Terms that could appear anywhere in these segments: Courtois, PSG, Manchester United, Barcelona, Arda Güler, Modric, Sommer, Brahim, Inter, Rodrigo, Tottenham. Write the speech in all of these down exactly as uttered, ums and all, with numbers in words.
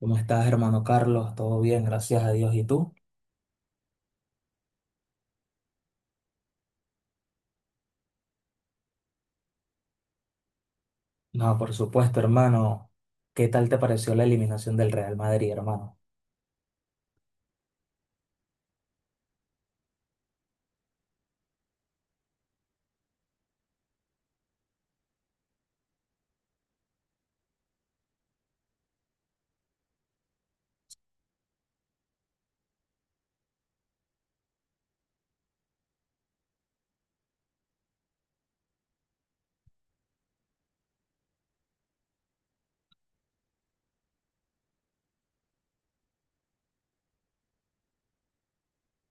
¿Cómo estás, hermano Carlos? Todo bien, gracias a Dios. ¿Y tú? No, por supuesto, hermano. ¿Qué tal te pareció la eliminación del Real Madrid, hermano?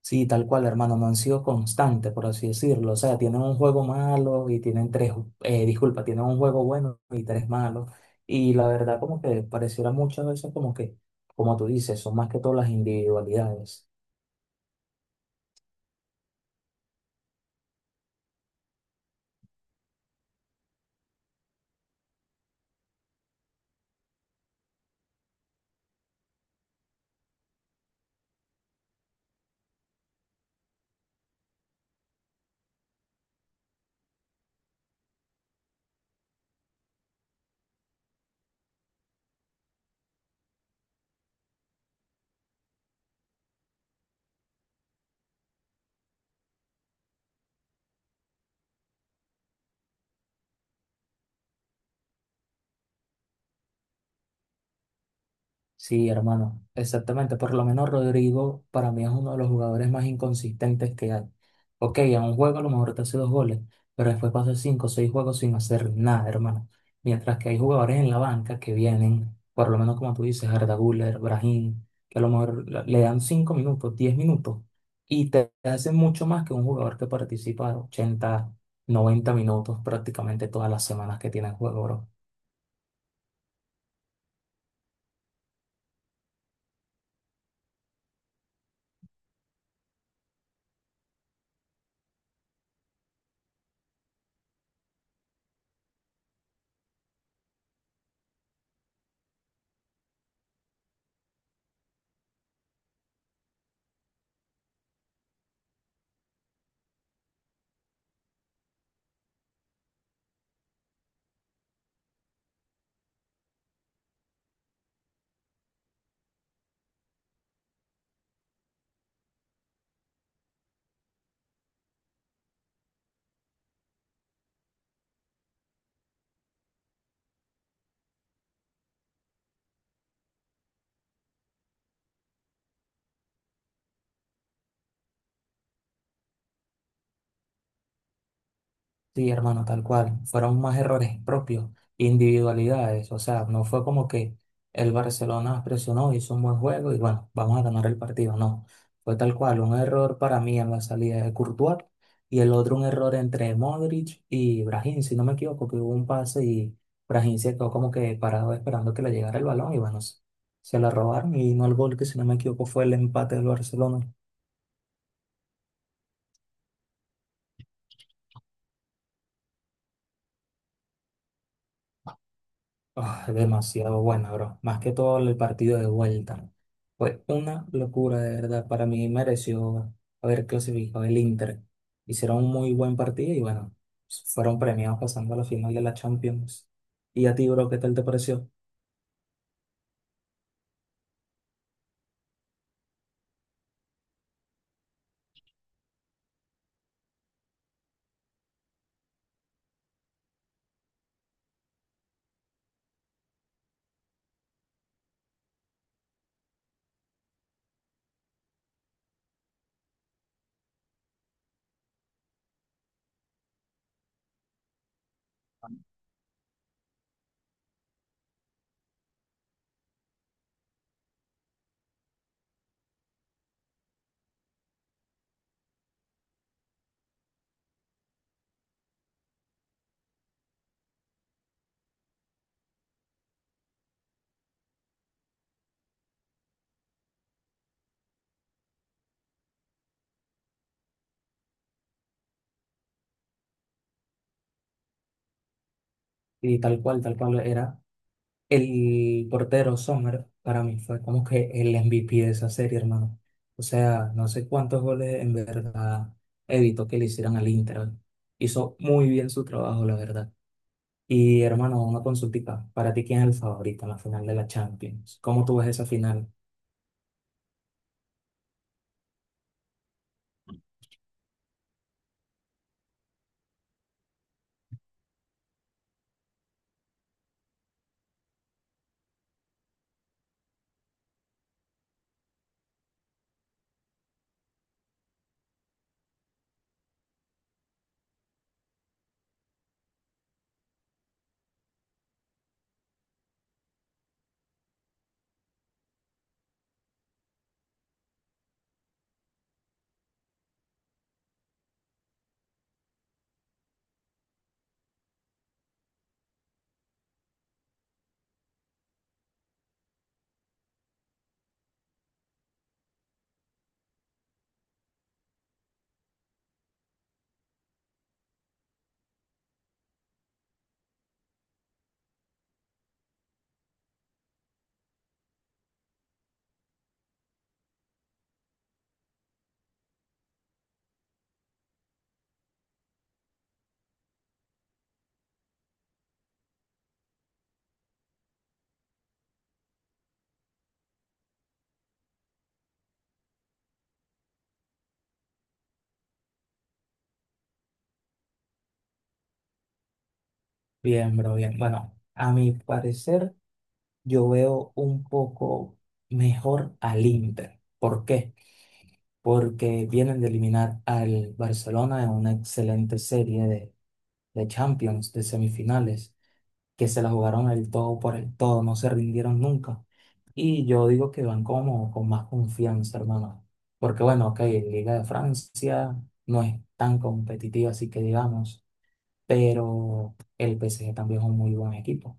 Sí, tal cual, hermano. No han sido constantes, por así decirlo. O sea, tienen un juego malo y tienen tres, eh, disculpa, tienen un juego bueno y tres malos. Y la verdad, como que pareciera muchas veces como que, como tú dices, son más que todas las individualidades. Sí, hermano, exactamente. Por lo menos Rodrigo para mí es uno de los jugadores más inconsistentes que hay. Ok, en un juego a lo mejor te hace dos goles, pero después pasa cinco o seis juegos sin hacer nada, hermano. Mientras que hay jugadores en la banca que vienen, por lo menos como tú dices, Arda Güler, Brahim, que a lo mejor la- le dan cinco minutos, diez minutos, y te hacen mucho más que un jugador que participa ochenta, noventa minutos prácticamente todas las semanas que tiene el juego, bro. Sí, hermano, tal cual. Fueron más errores propios, individualidades. O sea, no fue como que el Barcelona presionó, hizo un buen juego y bueno, vamos a ganar el partido. No, fue tal cual. Un error para mí en la salida de Courtois y el otro un error entre Modric y Brahim, si no me equivoco, que hubo un pase y Brahim se quedó como que parado esperando que le llegara el balón y bueno, se, se la robaron y no el gol, que si no me equivoco fue el empate del Barcelona. Ah, demasiado bueno, bro. Más que todo el partido de vuelta. Fue una locura, de verdad. Para mí mereció haber clasificado el Inter. Hicieron un muy buen partido y bueno, fueron premiados pasando a la final de la Champions. ¿Y a ti, bro, qué tal te pareció? Y tal cual, tal cual era. El portero Sommer, para mí, fue como que el M V P de esa serie, hermano. O sea, no sé cuántos goles en verdad evitó que le hicieran al Inter. Hizo muy bien su trabajo, la verdad. Y hermano, una consultita. ¿Para ti quién es el favorito en la final de la Champions? ¿Cómo tú ves esa final? Bien, bro, bien. Bueno, a mi parecer, yo veo un poco mejor al Inter. ¿Por qué? Porque vienen de eliminar al Barcelona en una excelente serie de, de Champions, de semifinales, que se la jugaron el todo por el todo, no se rindieron nunca. Y yo digo que van como con más confianza, hermano. Porque bueno, ok, la Liga de Francia no es tan competitiva, así que digamos, pero el P S G también es un muy buen equipo.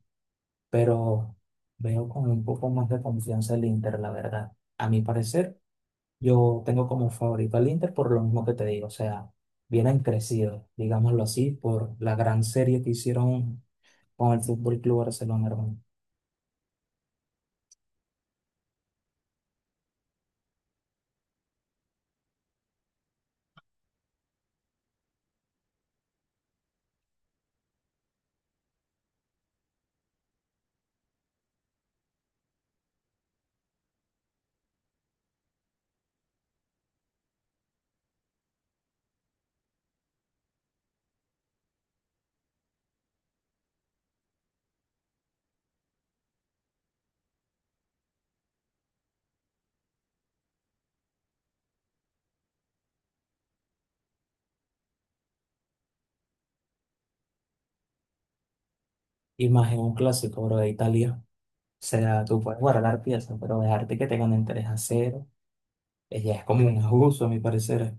Pero veo con un poco más de confianza el Inter, la verdad. A mi parecer, yo tengo como favorito al Inter por lo mismo que te digo, o sea, vienen crecidos, digámoslo así, por la gran serie que hicieron con el Fútbol Club Barcelona, hermano. Y más en un clásico, bro, de Italia. O sea, tú puedes guardar piezas, pero dejarte que tengan ganen a cero, eh, ya es como un abuso, a mi parecer.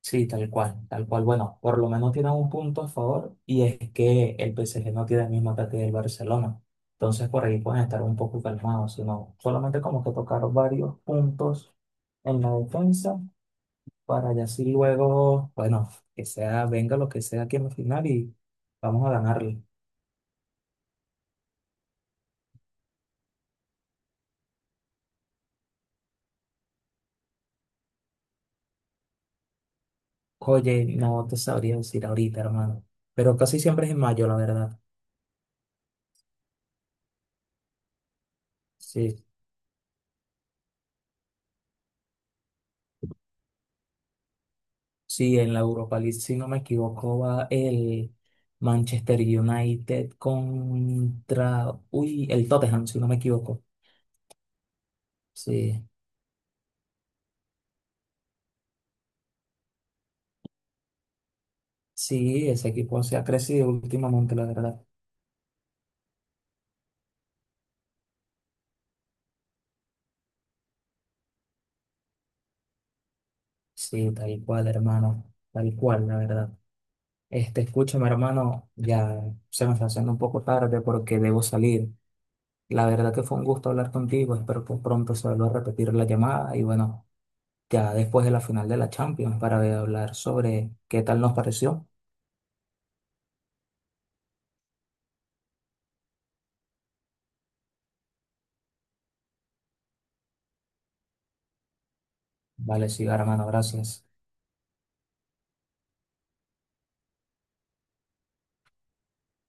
Sí, tal cual, tal cual. Bueno, por lo menos tienen un punto a favor y es que el P S G no tiene el mismo ataque del Barcelona. Entonces por ahí pueden estar un poco calmados, sino solamente como que tocar varios puntos en la defensa para ya así luego, bueno, que sea, venga lo que sea aquí en la final y vamos a ganarle. Oye, no te sabría decir ahorita, hermano. Pero casi siempre es en mayo, la verdad. Sí, sí, en la Europa League, si no me equivoco, va el Manchester United contra, uy, el Tottenham, si no me equivoco. Sí, sí, ese equipo se ha crecido últimamente, la verdad. Sí, tal cual, hermano. Tal cual, la verdad. Este, escúchame, hermano, ya se me está haciendo un poco tarde porque debo salir. La verdad que fue un gusto hablar contigo. Espero que pronto se vuelva a repetir la llamada y bueno, ya después de la final de la Champions para hablar sobre qué tal nos pareció. Vale, sí, hermano, gracias.